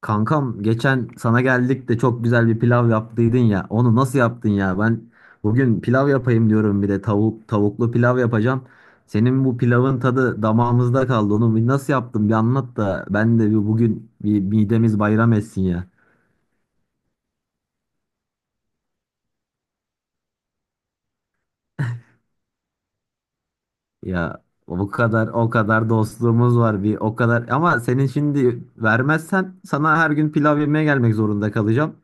Kankam geçen sana geldik de çok güzel bir pilav yaptıydın ya. Onu nasıl yaptın ya? Ben bugün pilav yapayım diyorum bir de tavuklu pilav yapacağım. Senin bu pilavın tadı damağımızda kaldı. Onu bir nasıl yaptın bir anlat da ben de bir bugün bir midemiz bayram etsin ya. Ya o kadar o kadar dostluğumuz var bir o kadar ama senin şimdi vermezsen sana her gün pilav yemeye gelmek zorunda kalacağım.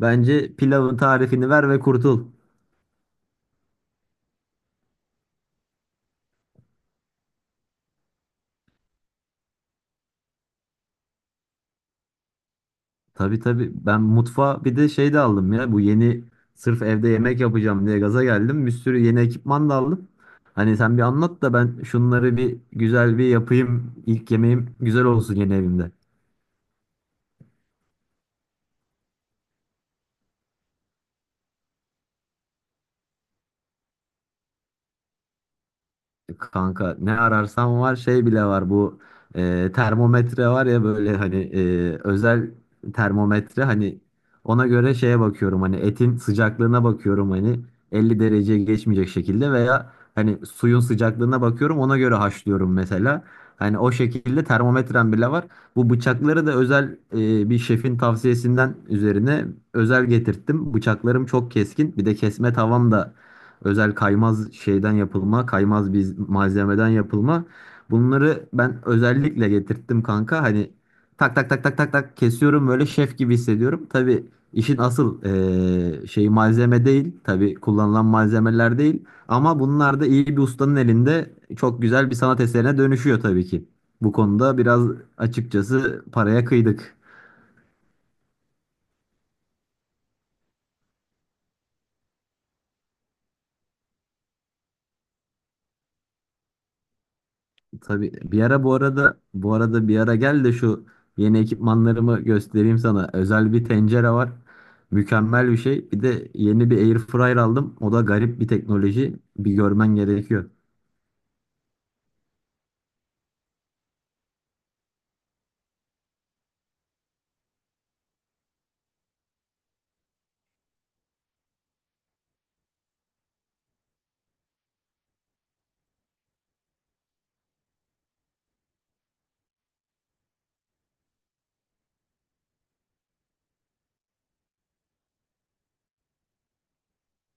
Bence pilavın tarifini ver ve kurtul. Tabii tabii. Ben mutfağa bir de şey de aldım ya. Bu yeni sırf evde yemek yapacağım diye gaza geldim. Bir sürü yeni ekipman da aldım. Hani sen bir anlat da ben şunları bir güzel bir yapayım. İlk yemeğim güzel olsun yeni evimde. Kanka ne ararsan var şey bile var bu termometre var ya böyle hani özel termometre hani ona göre şeye bakıyorum hani etin sıcaklığına bakıyorum hani 50 dereceye geçmeyecek şekilde veya hani suyun sıcaklığına bakıyorum ona göre haşlıyorum mesela. Hani o şekilde termometrem bile var. Bu bıçakları da özel bir şefin tavsiyesinden üzerine özel getirttim. Bıçaklarım çok keskin bir de kesme tavam da özel kaymaz şeyden yapılma, kaymaz bir malzemeden yapılma. Bunları ben özellikle getirttim kanka. Hani tak tak tak tak tak tak kesiyorum böyle şef gibi hissediyorum. Tabii işin asıl şeyi malzeme değil. Tabii kullanılan malzemeler değil. Ama bunlar da iyi bir ustanın elinde çok güzel bir sanat eserine dönüşüyor tabii ki. Bu konuda biraz açıkçası paraya kıydık. Tabii bir ara bu arada bir ara gel de şu yeni ekipmanlarımı göstereyim sana. Özel bir tencere var. Mükemmel bir şey. Bir de yeni bir air fryer aldım. O da garip bir teknoloji. Bir görmen gerekiyor.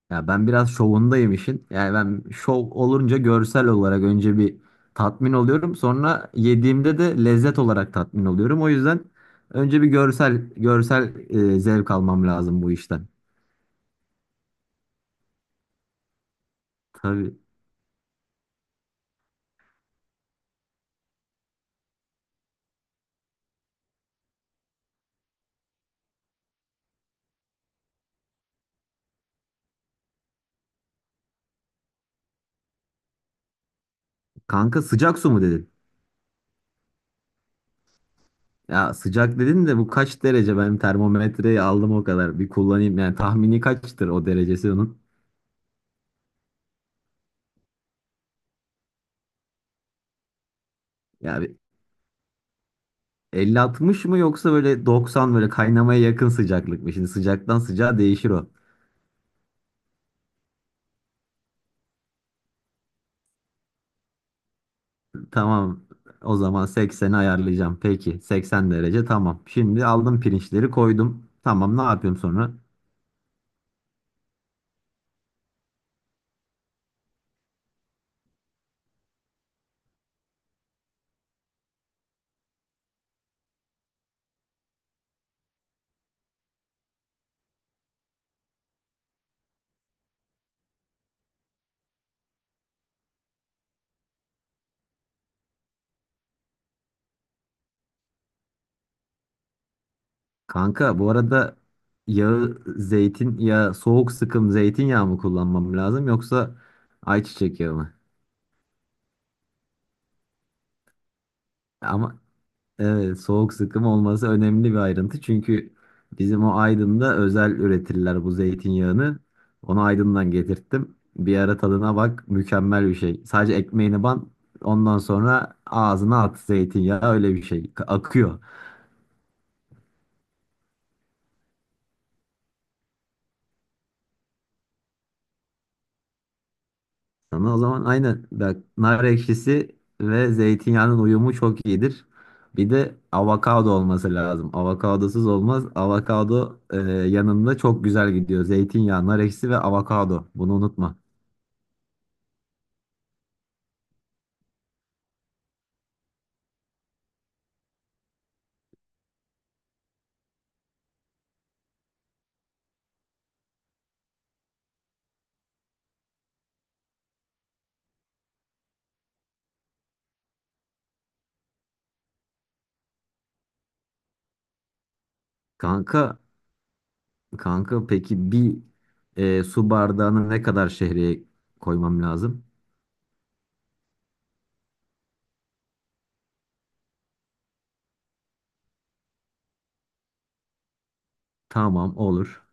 Ya ben biraz şovundayım işin. Yani ben şov olunca görsel olarak önce bir tatmin oluyorum. Sonra yediğimde de lezzet olarak tatmin oluyorum. O yüzden önce bir görsel zevk almam lazım bu işten. Tabii. Kanka sıcak su mu dedin? Ya sıcak dedin de bu kaç derece? Ben termometreyi aldım o kadar. Bir kullanayım. Yani tahmini kaçtır o derecesi onun? Ya bir 50-60 mı yoksa böyle 90 böyle kaynamaya yakın sıcaklık mı? Şimdi sıcaktan sıcağa değişir o. Tamam. O zaman 80'i ayarlayacağım. Peki 80 derece tamam. Şimdi aldım pirinçleri koydum. Tamam ne yapıyorum sonra? Kanka bu arada yağı zeytin ya soğuk sıkım zeytinyağı mı kullanmam lazım yoksa ayçiçek yağı mı? Ama Evet, soğuk sıkım olması önemli bir ayrıntı. Çünkü bizim o Aydın'da özel üretirler bu zeytinyağını. Onu Aydın'dan getirttim. Bir ara tadına bak, mükemmel bir şey. Sadece ekmeğini ban, ondan sonra ağzına at zeytinyağı öyle bir şey. Akıyor. Sana o zaman aynen bak nar ekşisi ve zeytinyağının uyumu çok iyidir. Bir de avokado olması lazım. Avokadosuz olmaz. Avokado yanında çok güzel gidiyor. Zeytinyağı, nar ekşisi ve avokado. Bunu unutma. Kanka, kanka, peki bir su bardağına ne kadar şehriye koymam lazım? Tamam olur.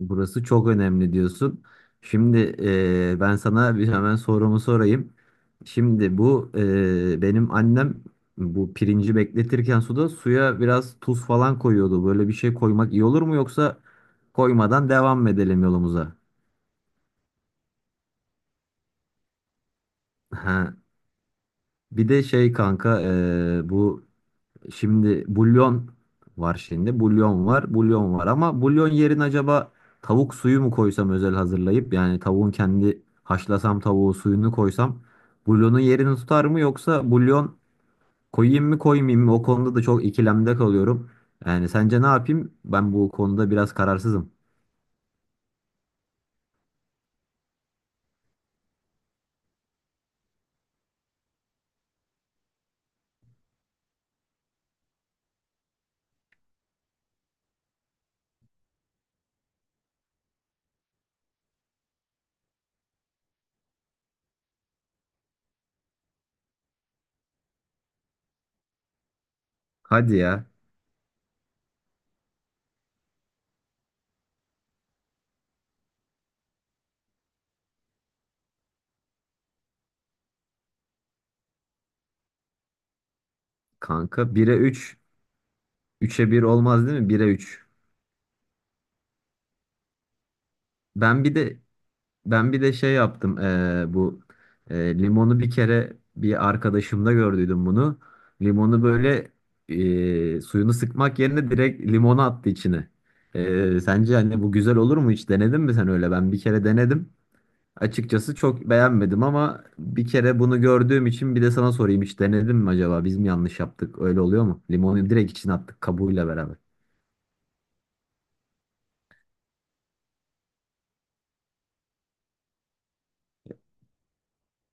Burası çok önemli diyorsun. Şimdi ben sana bir hemen sorumu sorayım. Şimdi bu benim annem bu pirinci bekletirken suda suya biraz tuz falan koyuyordu. Böyle bir şey koymak iyi olur mu yoksa koymadan devam mı edelim yolumuza? Ha. Bir de şey kanka bu şimdi bulyon var şimdi. Bulyon var, bulyon var ama bulyon yerine acaba tavuk suyu mu koysam özel hazırlayıp yani tavuğun kendi haşlasam tavuğu suyunu koysam bulyonun yerini tutar mı yoksa bulyon koyayım mı koymayayım mı? O konuda da çok ikilemde kalıyorum. Yani sence ne yapayım? Ben bu konuda biraz kararsızım. Hadi ya kanka 1'e 3 3'e bir olmaz değil mi? 1'e üç. Ben bir de Ben bir de şey yaptım, bu limonu bir kere bir arkadaşımda gördüydüm bunu. Limonu böyle suyunu sıkmak yerine direkt limonu attı içine. Sence hani bu güzel olur mu, hiç denedin mi sen öyle? Ben bir kere denedim. Açıkçası çok beğenmedim ama bir kere bunu gördüğüm için bir de sana sorayım, hiç denedin mi acaba? Biz mi yanlış yaptık? Öyle oluyor mu? Limonu direkt içine attık kabuğuyla beraber.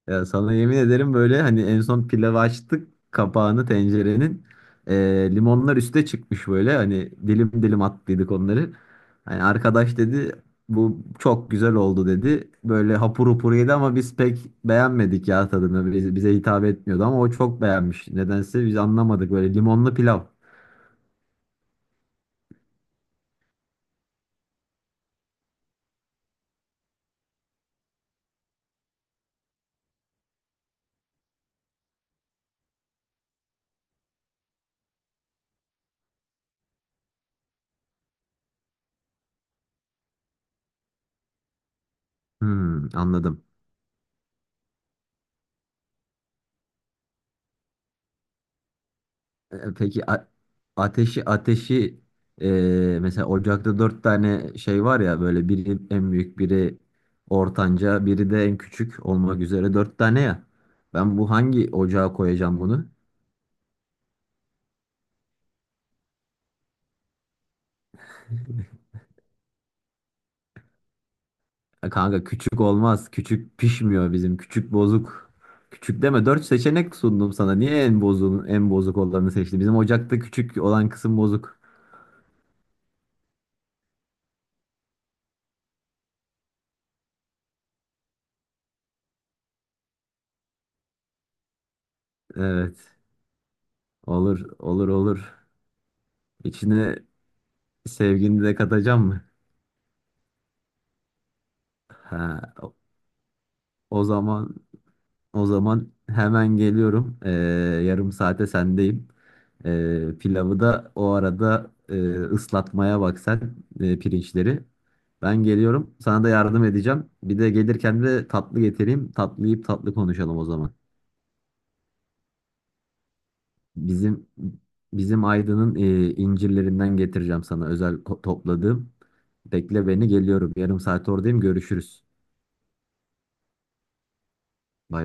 Ya sana yemin ederim böyle hani en son pilavı açtık kapağını tencerenin. Limonlar üste çıkmış böyle hani dilim dilim attıydık onları. Hani arkadaş dedi bu çok güzel oldu dedi. Böyle hapur hapur yedi ama biz pek beğenmedik ya tadını. Bize hitap etmiyordu ama o çok beğenmiş. Nedense biz anlamadık böyle limonlu pilav. Hmm, anladım. Peki ateşi e, mesela ocakta dört tane şey var ya, böyle biri en büyük, biri ortanca, biri de en küçük olmak üzere dört tane ya. Ben bu hangi ocağa koyacağım bunu? Kanka küçük olmaz. Küçük pişmiyor bizim. Küçük bozuk. Küçük deme. Dört seçenek sundum sana. Niye en bozuk olanı seçtin? Bizim ocakta küçük olan kısım bozuk. Evet. Olur olur olur. İçine sevgini de katacağım mı? Ha, O zaman o zaman hemen geliyorum. Yarım saate sendeyim. Pilavı da o arada ıslatmaya bak sen pirinçleri. Ben geliyorum. Sana da yardım edeceğim. Bir de gelirken de tatlı getireyim. Tatlı yiyip tatlı konuşalım o zaman. Bizim bizim Aydın'ın incirlerinden getireceğim sana özel, topladığım. Bekle beni, geliyorum. Yarım saat oradayım. Görüşürüz. Bay